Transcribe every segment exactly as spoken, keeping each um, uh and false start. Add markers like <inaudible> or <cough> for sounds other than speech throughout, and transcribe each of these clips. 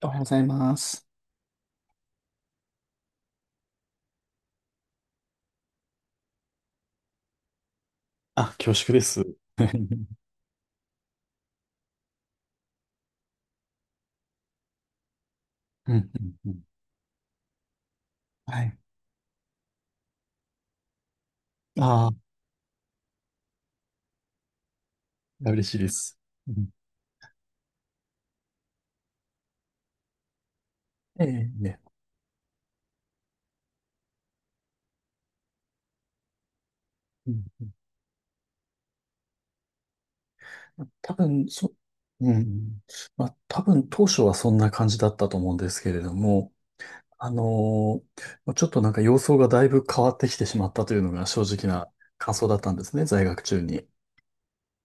おはようございます。あ、す。<laughs> うんうんうんはい。ああ、嬉しいです。うん。ええ、ね。うんうん多分、そ、うん。まあ、多分当初はそんな感じだったと思うんですけれども、あのーちょっとなんか様相がだいぶ変わってきてしまったというのが正直な感想だったんですね、在学中に。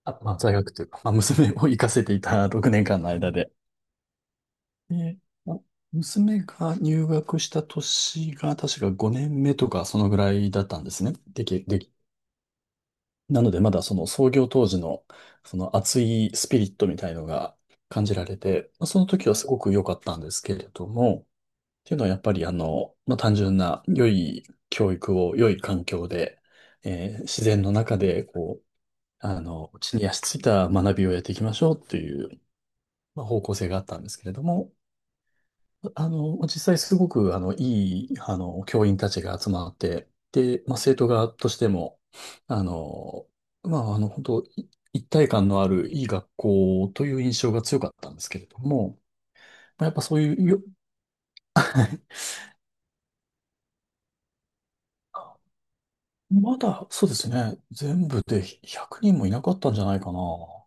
あ、まあ、在学というか、まあ、娘を行かせていたろくねんかんの間で。ねあ娘が入学した年が確かごねんめとかそのぐらいだったんですね。でき、でき、なのでまだその創業当時のその熱いスピリットみたいのが感じられて、まあ、その時はすごく良かったんですけれども、っていうのはやっぱりあの、まあ、単純な良い教育を良い環境で、えー自然の中でこう、あの、地に足ついた学びをやっていきましょうっていう、まあ、方向性があったんですけれども、あの、実際すごく、あの、いい、あの、教員たちが集まって、で、まあ、生徒側としても、あの、まあ、あの、本当い一体感のあるいい学校という印象が強かったんですけれども、まあ、やっぱそういうよ、まだ、そうですね、全部でひゃくにんもいなかったんじゃないかな。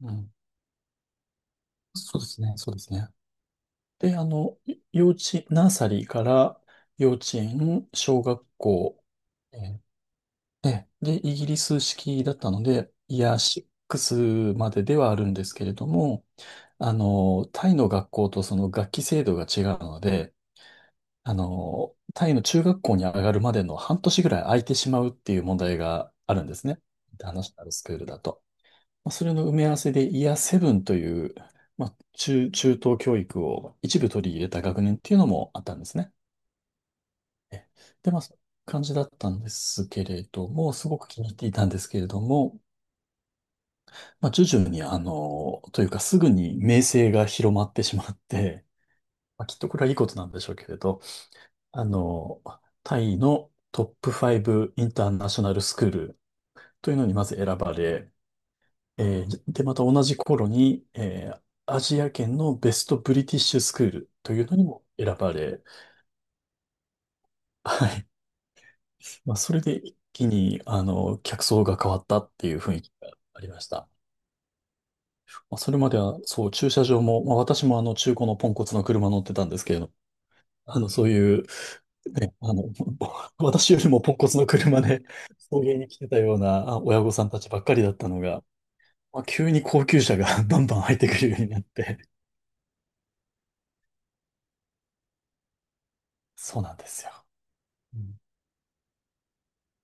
うん。そうですね、そうですね。で、あの、い幼稚、ナーサリーから幼稚園、小学校、えーで、で、イギリス式だったので、イヤーシックスまでではあるんですけれども、あの、タイの学校とその学期制度が違うので、あの、タイの中学校に上がるまでの半年ぐらい空いてしまうっていう問題があるんですね。インターナショナルスクールだと。まあそれの埋め合わせでイヤーセブンという、まあ、中、中等教育を一部取り入れた学年っていうのもあったんですね。えで、まあ、そういう感じだったんですけれども、すごく気に入っていたんですけれども、まあ、徐々に、あの、というかすぐに名声が広まってしまって、まあ、きっとこれはいいことなんでしょうけれど、あの、タイのトップファイブイブインターナショナルスクールというのにまず選ばれ、えーで、また同じ頃に、えーアジア圏のベストブリティッシュスクールというのにも選ばれ、はい。まあ、それで一気に、あの、客層が変わったっていう雰囲気がありました。まあ、それまでは、そう、駐車場も、まあ、私もあの、中古のポンコツの車乗ってたんですけれど、あの、そういう、ね、あの、<laughs> 私よりもポンコツの車で <laughs>、送迎に来てたようなあ親御さんたちばっかりだったのが、まあ、急に高級車が <laughs> バンバン入ってくるようになって、そうなんですよ。うん。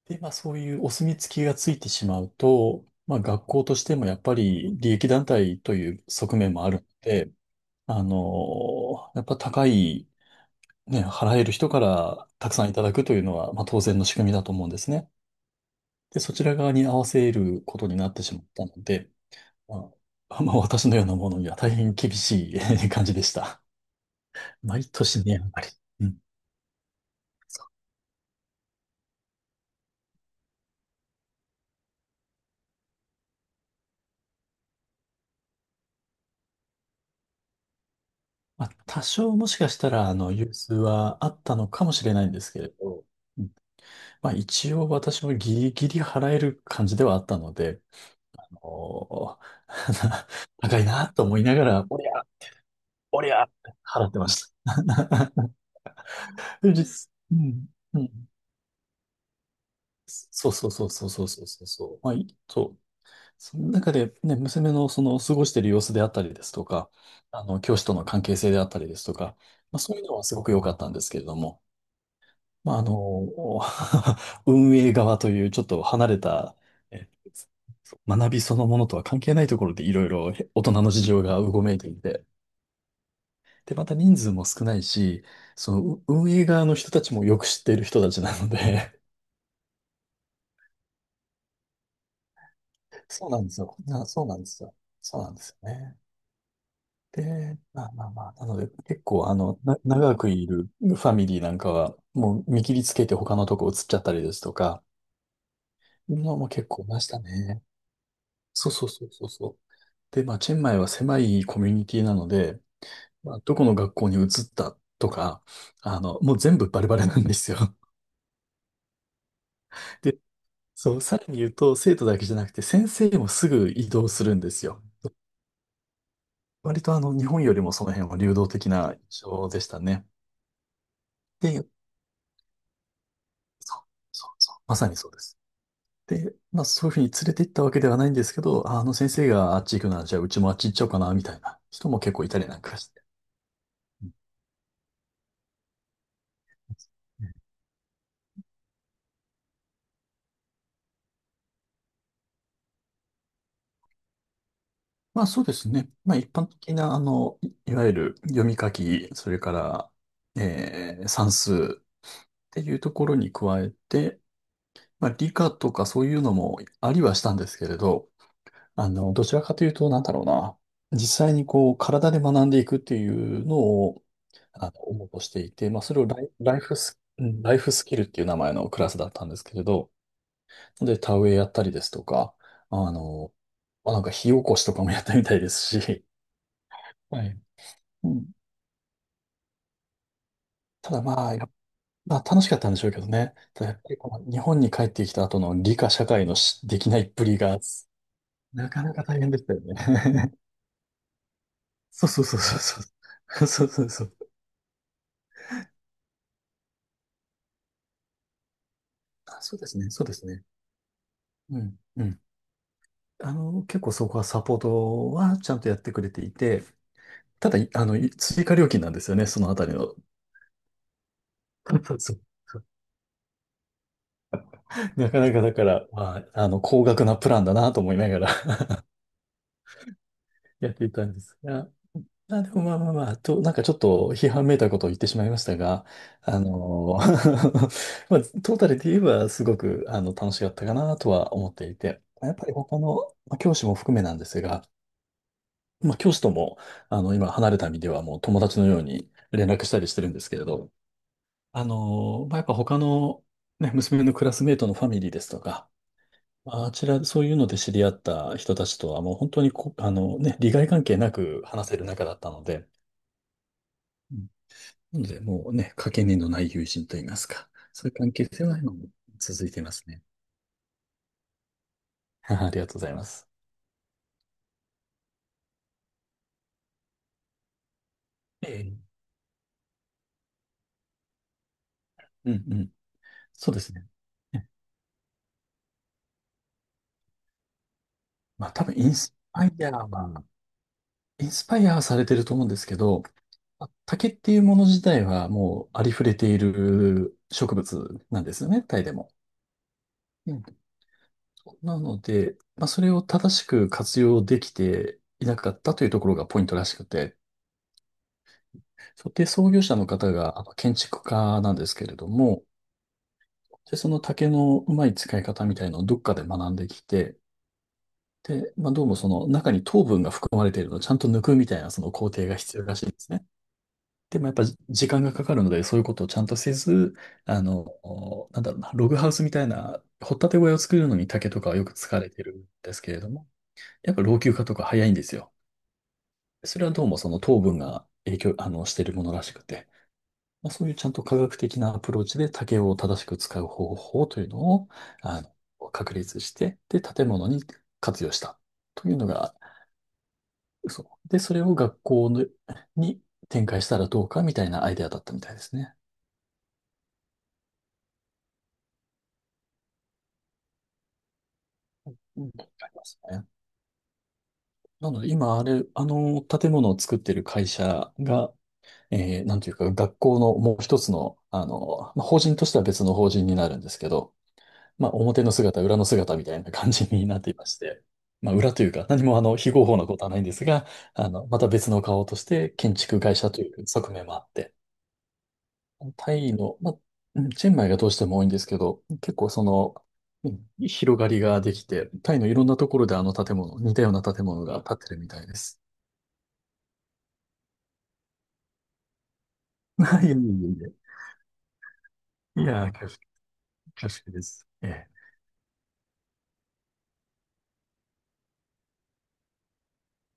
で、まあ、そういうお墨付きがついてしまうと、まあ、学校としてもやっぱり利益団体という側面もあるので、あの、やっぱ高いね、払える人からたくさんいただくというのは、まあ、当然の仕組みだと思うんですね。で、そちら側に合わせることになってしまったので、まあ、まあ、私のようなものには大変厳しい <laughs> 感じでした。毎年値上がり。うん。まあ、多少もしかしたら、あの、融通はあったのかもしれないんですけれど、うん、まあ、一応私もギリギリ払える感じではあったので、おー <laughs> 高いなと思いながら、おりゃ、おりゃって払ってました。<laughs> そうです。うん。うん。そうそうそうそうそうそうそうそう。まあ、いそう。その中でね、娘のその過ごしている様子であったりですとか、あの、教師との関係性であったりですとか、まあ、そういうのはすごく良かったんですけれども、まあ、あの、<laughs> 運営側というちょっと離れた、え学びそのものとは関係ないところでいろいろ大人の事情がうごめいていて、で、また人数も少ないし、その運営側の人たちもよく知っている人たちなので、そうなんですよ。な、そうなんですよ。そうなんですよね。で、まあまあまあ、なので結構あの、な、長くいるファミリーなんかは、もう見切りつけて他のとこ移っちゃったりですとか、うのも結構いましたね。そうそうそうそうそう。で、まあ、チェンマイは狭いコミュニティなので、まあ、どこの学校に移ったとか、あの、もう全部バレバレなんですよ。<laughs> で、そう、さらに言うと、生徒だけじゃなくて、先生もすぐ移動するんですよ。割とあの、日本よりもその辺は流動的な印象でしたね。で、そうそう、まさにそうです。で、まあそういうふうに連れて行ったわけではないんですけど、ああの先生があっち行くなら、じゃあうちもあっち行っちゃおうかな、みたいな人も結構いたりなんかして。うん。まあそうですね。まあ一般的な、あの、いいわゆる読み書き、それから、えー算数っていうところに加えて、まあ理科とかそういうのもありはしたんですけれど、あの、どちらかというと、なんだろうな。実際にこう、体で学んでいくっていうのを、あの、応募していて、まあ、それをライ、ライフス、うんライフスキルっていう名前のクラスだったんですけれど、で、田植えやったりですとか、あの、まあ、なんか火起こしとかもやったみたいですし、はい。うん。ただまあ、やっまあ、楽しかったんでしょうけどね。ただやっぱりこの日本に帰ってきた後の理科社会のしできないっぷりが、なかなか大変でしたよね。<laughs> そうそうそうそうそう。<laughs> そうそうそう。あ、そうですね、そうですね。うん、うん。あの、結構そこはサポートはちゃんとやってくれていて、ただ、いあの、い追加料金なんですよね、そのあたりの。<laughs> そう。なかなかだから、まあ、あの、高額なプランだなと思いながら <laughs> やっていたんですが、まあでもまあまあまあ、と、なんかちょっと批判めいたことを言ってしまいましたが、あの <laughs> まあ、トータルで言えばすごくあの楽しかったかなとは思っていて、やっぱり他の、まあ、教師も含めなんですが、まあ、教師とも、あの、今離れた身ではもう友達のように連絡したりしてるんですけれど、あの、まあ、やっぱ他の、ね、娘のクラスメートのファミリーですとか、まああちら、そういうので知り合った人たちとはもう本当にこ、あのね、利害関係なく話せる仲だったので、うん。なので、もうね、かけねのない友人といいますか、そういう関係性は今も続いていますね。<laughs> ありがとうございます。ええ、うんうん。そうですね。ねまあ多分インスパイアは、インスパイアされてると思うんですけど、あ竹っていうもの自体はもうありふれている植物なんですよね、タイでも。うん。なので、まあ、それを正しく活用できていなかったというところがポイントらしくて、そうで、創業者の方があの建築家なんですけれども、で、その竹のうまい使い方みたいのをどっかで学んできて、で、まあ、どうもその中に糖分が含まれているのをちゃんと抜くみたいなその工程が必要らしいんですね。でもやっぱ時間がかかるので、そういうことをちゃんとせず、あの、おなんだろうな、ログハウスみたいな、掘ったて小屋を作るのに竹とかはよく使われてるんですけれども、やっぱ老朽化とか早いんですよ。それはどうもその糖分が影響、あの、してるものらしくて、まあ、そういうちゃんと科学的なアプローチで竹を正しく使う方法というのを、あの、確立して、で、建物に活用したというのが、そう。で、それを学校のに展開したらどうかみたいなアイデアだったみたいですね。うん。ありますね。なので、今、あれ、あの建物を作ってる会社が、えー、なんていうか、学校のもう一つの、あの、まあ、法人としては別の法人になるんですけど、まあ、表の姿、裏の姿みたいな感じになっていまして、まあ、裏というか、何もあの、非合法なことはないんですが、あの、また別の顔として建築会社という側面もあって、タイの、まあ、うんチェンマイがどうしても多いんですけど、結構その、うん広がりができて、タイのいろんなところであの建物、似たような建物が建ってるみたいです。<laughs> いやいやいやいや、いやー、恐縮恐縮です。ええ